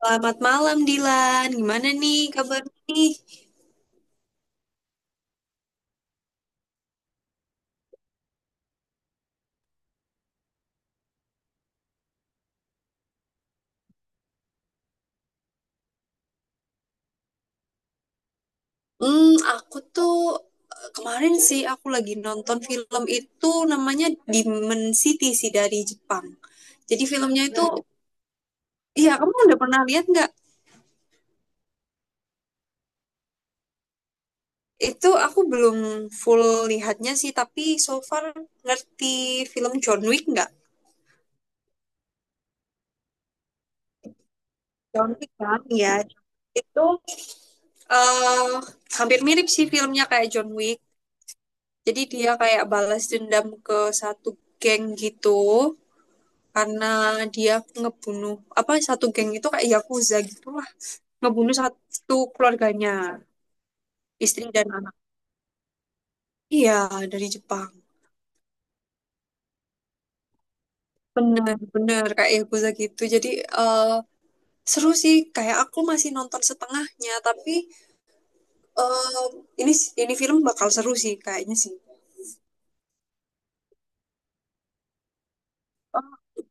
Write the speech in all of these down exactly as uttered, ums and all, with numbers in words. Selamat malam Dilan, gimana nih kabar nih? Hmm, aku tuh eh, kemarin sih aku lagi nonton film itu namanya Demon City sih dari Jepang. Jadi filmnya itu, iya kamu udah pernah lihat nggak? Itu aku belum full lihatnya sih, tapi so far ngerti film John Wick nggak? John Wick kan, ya. Itu eh hampir mirip sih filmnya kayak John Wick. Jadi dia kayak balas dendam ke satu geng gitu. Karena dia ngebunuh apa satu geng itu kayak yakuza gitulah ngebunuh satu keluarganya istri dan anak iya dari Jepang bener-bener kayak yakuza gitu jadi eh, seru sih kayak aku masih nonton setengahnya tapi eh, ini ini film bakal seru sih kayaknya sih.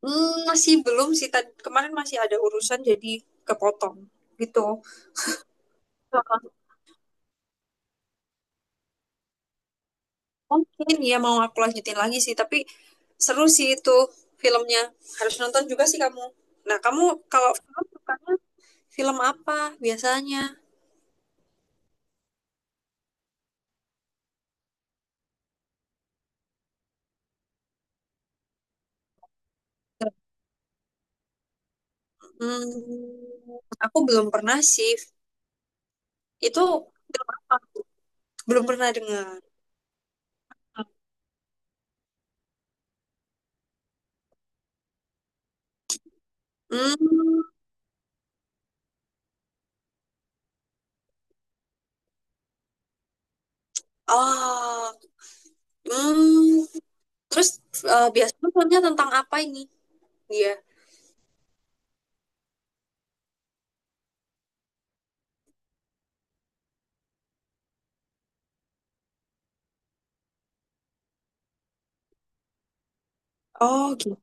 Hmm, masih belum sih Tad- kemarin masih ada urusan jadi kepotong gitu. Heeh. Mungkin ya mau aku lanjutin lagi sih tapi seru sih itu filmnya. Harus nonton juga sih kamu. Nah, kamu kalau film sukanya film apa biasanya? Hmm, aku belum pernah sih. Itu film apa? Belum pernah dengar. Hmm, oh, hmm. Terus eh, biasanya filmnya tentang apa ini? Iya. Oh, gitu.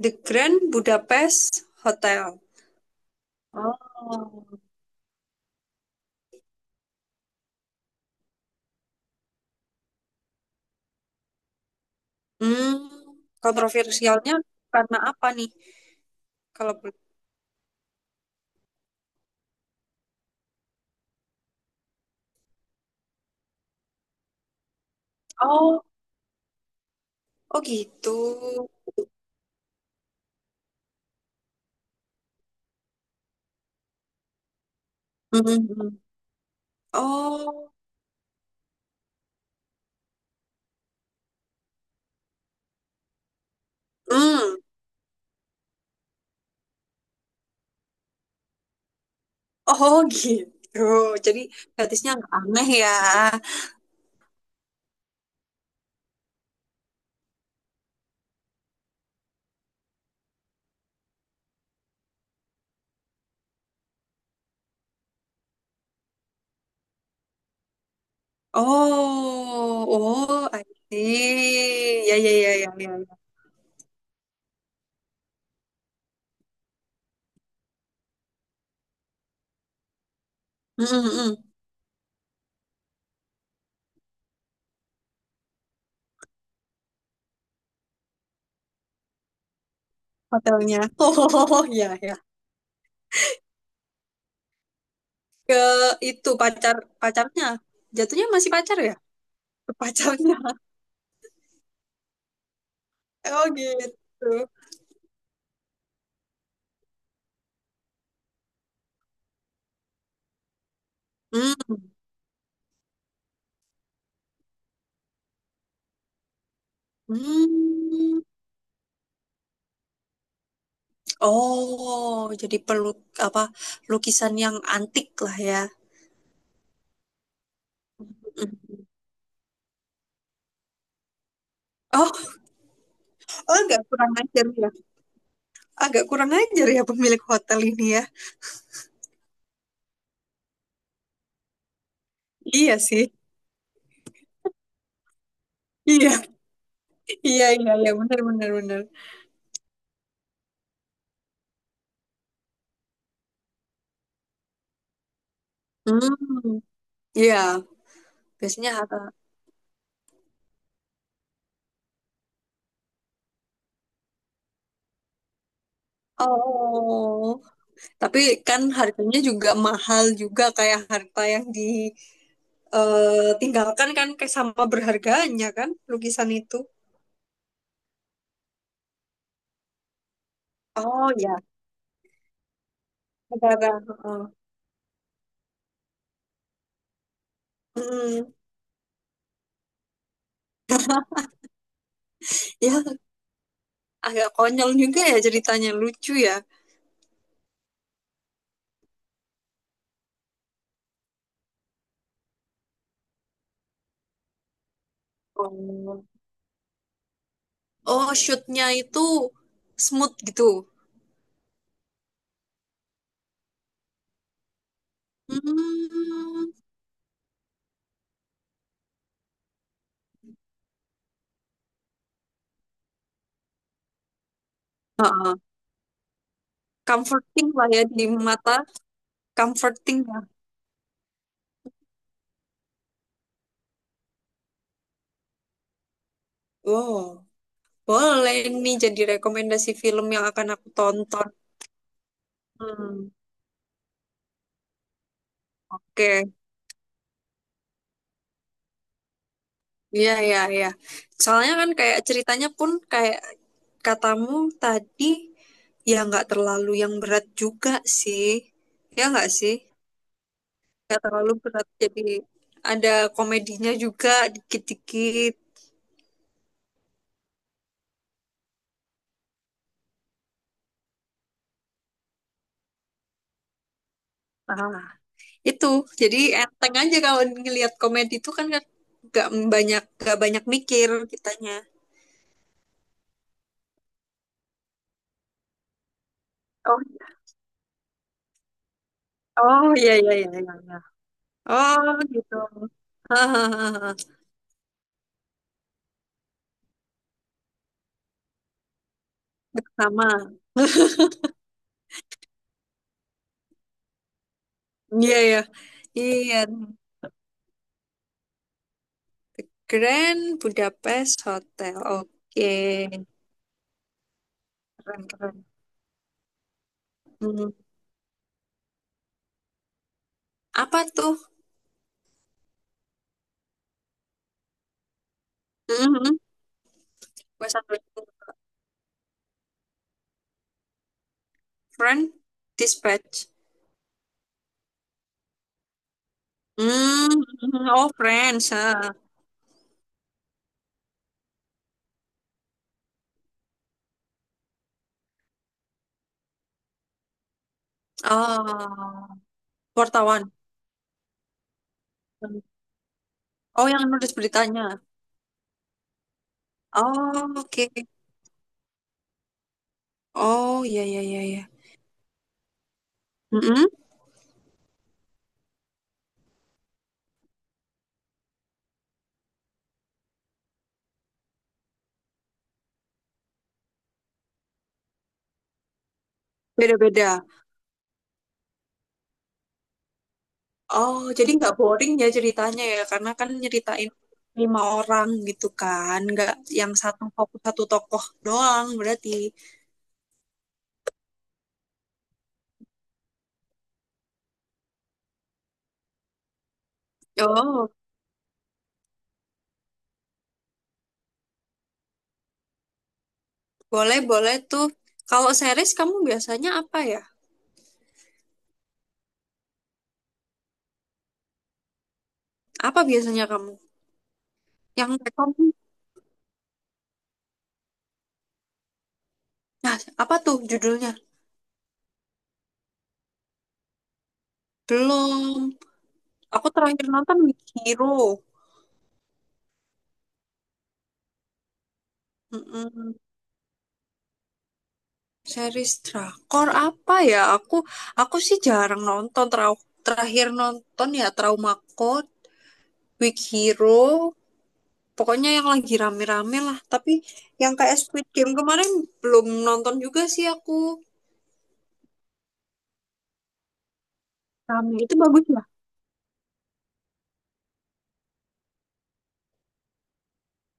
The Grand Budapest Hotel. Oh. Hmm, kontroversialnya karena apa nih? Kalau boleh- Oh, oh gitu. Mhm. Oh, hmm. Oh, gitu. Jadi gratisnya nggak aneh ya. Oh, oh, I see. Ya, ya, ya, ya, ya, ya. Mm, mm, mm. Hotelnya. Oh, ya, ya. Ke itu pacar pacarnya. Jatuhnya masih pacar ya? Ke pacarnya. Oh gitu. Hmm. Hmm. Oh, jadi perlu apa lukisan yang antik lah ya. Mm. Oh, oh, agak kurang ajar ya. Agak kurang ajar ya pemilik hotel ini ya. Iya sih. Iya, iya, iya, iya, benar, benar, benar. Hmm, iya. Biasanya harga. Oh, tapi kan harganya juga mahal juga kayak harta yang ditinggalkan kan kayak sama berharganya kan lukisan itu. Oh ya, negara. Heeh. Hmm, ya agak konyol juga ya ceritanya lucu ya. Oh, oh shootnya itu smooth gitu. Hmm, heeh. Comforting lah ya di mata, comforting ya. Wow, boleh nih jadi rekomendasi film yang akan aku tonton. Hmm, oke. Iya, iya, iya. Soalnya kan kayak ceritanya pun kayak katamu tadi, ya nggak terlalu yang berat juga sih. Ya nggak sih? Nggak terlalu berat, jadi ada komedinya juga dikit-dikit. Itu, jadi enteng aja kalau ngelihat komedi itu kan nggak nggak banyak nggak banyak mikir kitanya. Oh, oh iya, iya, iya, iya, iya. Oh gitu. Hahaha. Sama. Iya ya. Iya. Grand Budapest Hotel. Oke. Keren keren. Hmm. Apa tuh? Mhm. Bahasa Inggris. Friend Dispatch. Hmm, hmm, hmm. Oh, Friends, ah. Oh, wartawan. Oh, yang nulis beritanya. Oh, oke. Oh, iya, iya, iya, iya. Mm-mm. Beda-beda. Oh, jadi nggak boring ya ceritanya ya, karena kan nyeritain lima orang gitu kan, nggak yang satu fokus satu tokoh doang berarti. Oh, boleh, boleh tuh. Kalau series kamu biasanya apa ya? Apa biasanya kamu? Yang rekom? Nah, apa tuh judulnya? Belum. Aku terakhir nonton Weak Hero. Mm-mm. Series drakor apa ya? Aku aku sih jarang nonton Terau- terakhir nonton ya Trauma Code, Weak Hero, pokoknya yang lagi rame-rame lah. Tapi yang kayak Squid Game kemarin belum nonton juga sih aku. Rame itu bagus ya?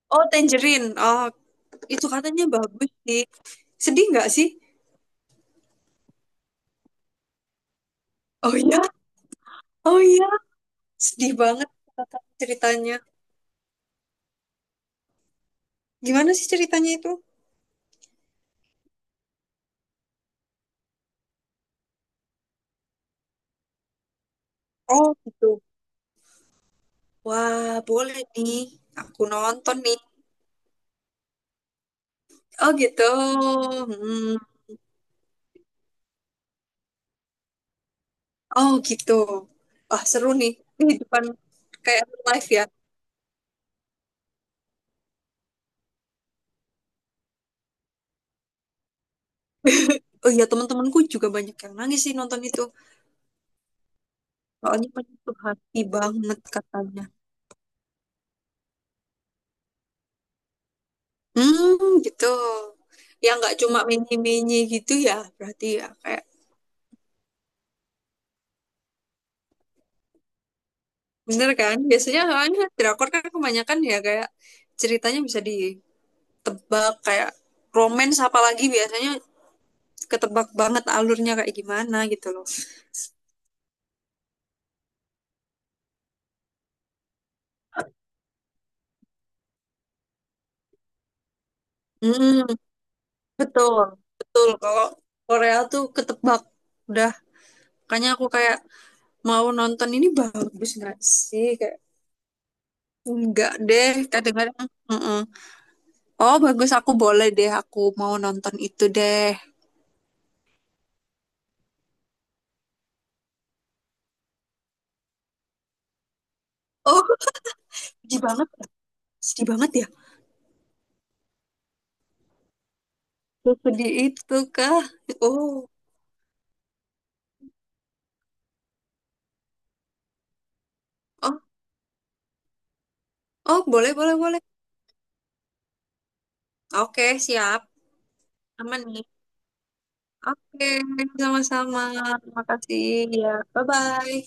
Oh, Tangerine. Oh, itu katanya bagus sih. Sedih nggak sih? Oh iya, oh iya. Sedih banget kata ceritanya. Gimana sih ceritanya itu? Oh, gitu. Wah, boleh nih. Aku nonton nih. Oh gitu. Hmm. Oh gitu. Wah seru nih. Ini di depan kayak live ya. Oh iya teman-temanku juga banyak yang nangis sih nonton itu. Soalnya menyentuh hati banget katanya. Hmm gitu. Ya nggak cuma menye-menye gitu ya. Berarti ya kayak bener kan. Biasanya soalnya drakor kan kebanyakan ya kayak ceritanya bisa ditebak kayak romance apalagi biasanya ketebak banget alurnya kayak gimana gitu loh. Hmm. Betul, betul. Kalau Korea tuh ketebak. Udah, makanya aku kayak mau nonton ini bagus nggak sih? Kayak enggak deh, kadang-kadang. "Mm-mm. Oh, bagus aku boleh deh, aku mau nonton itu deh. Oh, sedih banget, sedih banget ya. Sedih itu kah? Oh, oh, oh, boleh, boleh, boleh. Oke, siap. Aman nih. Oke, sama-sama. Terima kasih ya. Bye-bye.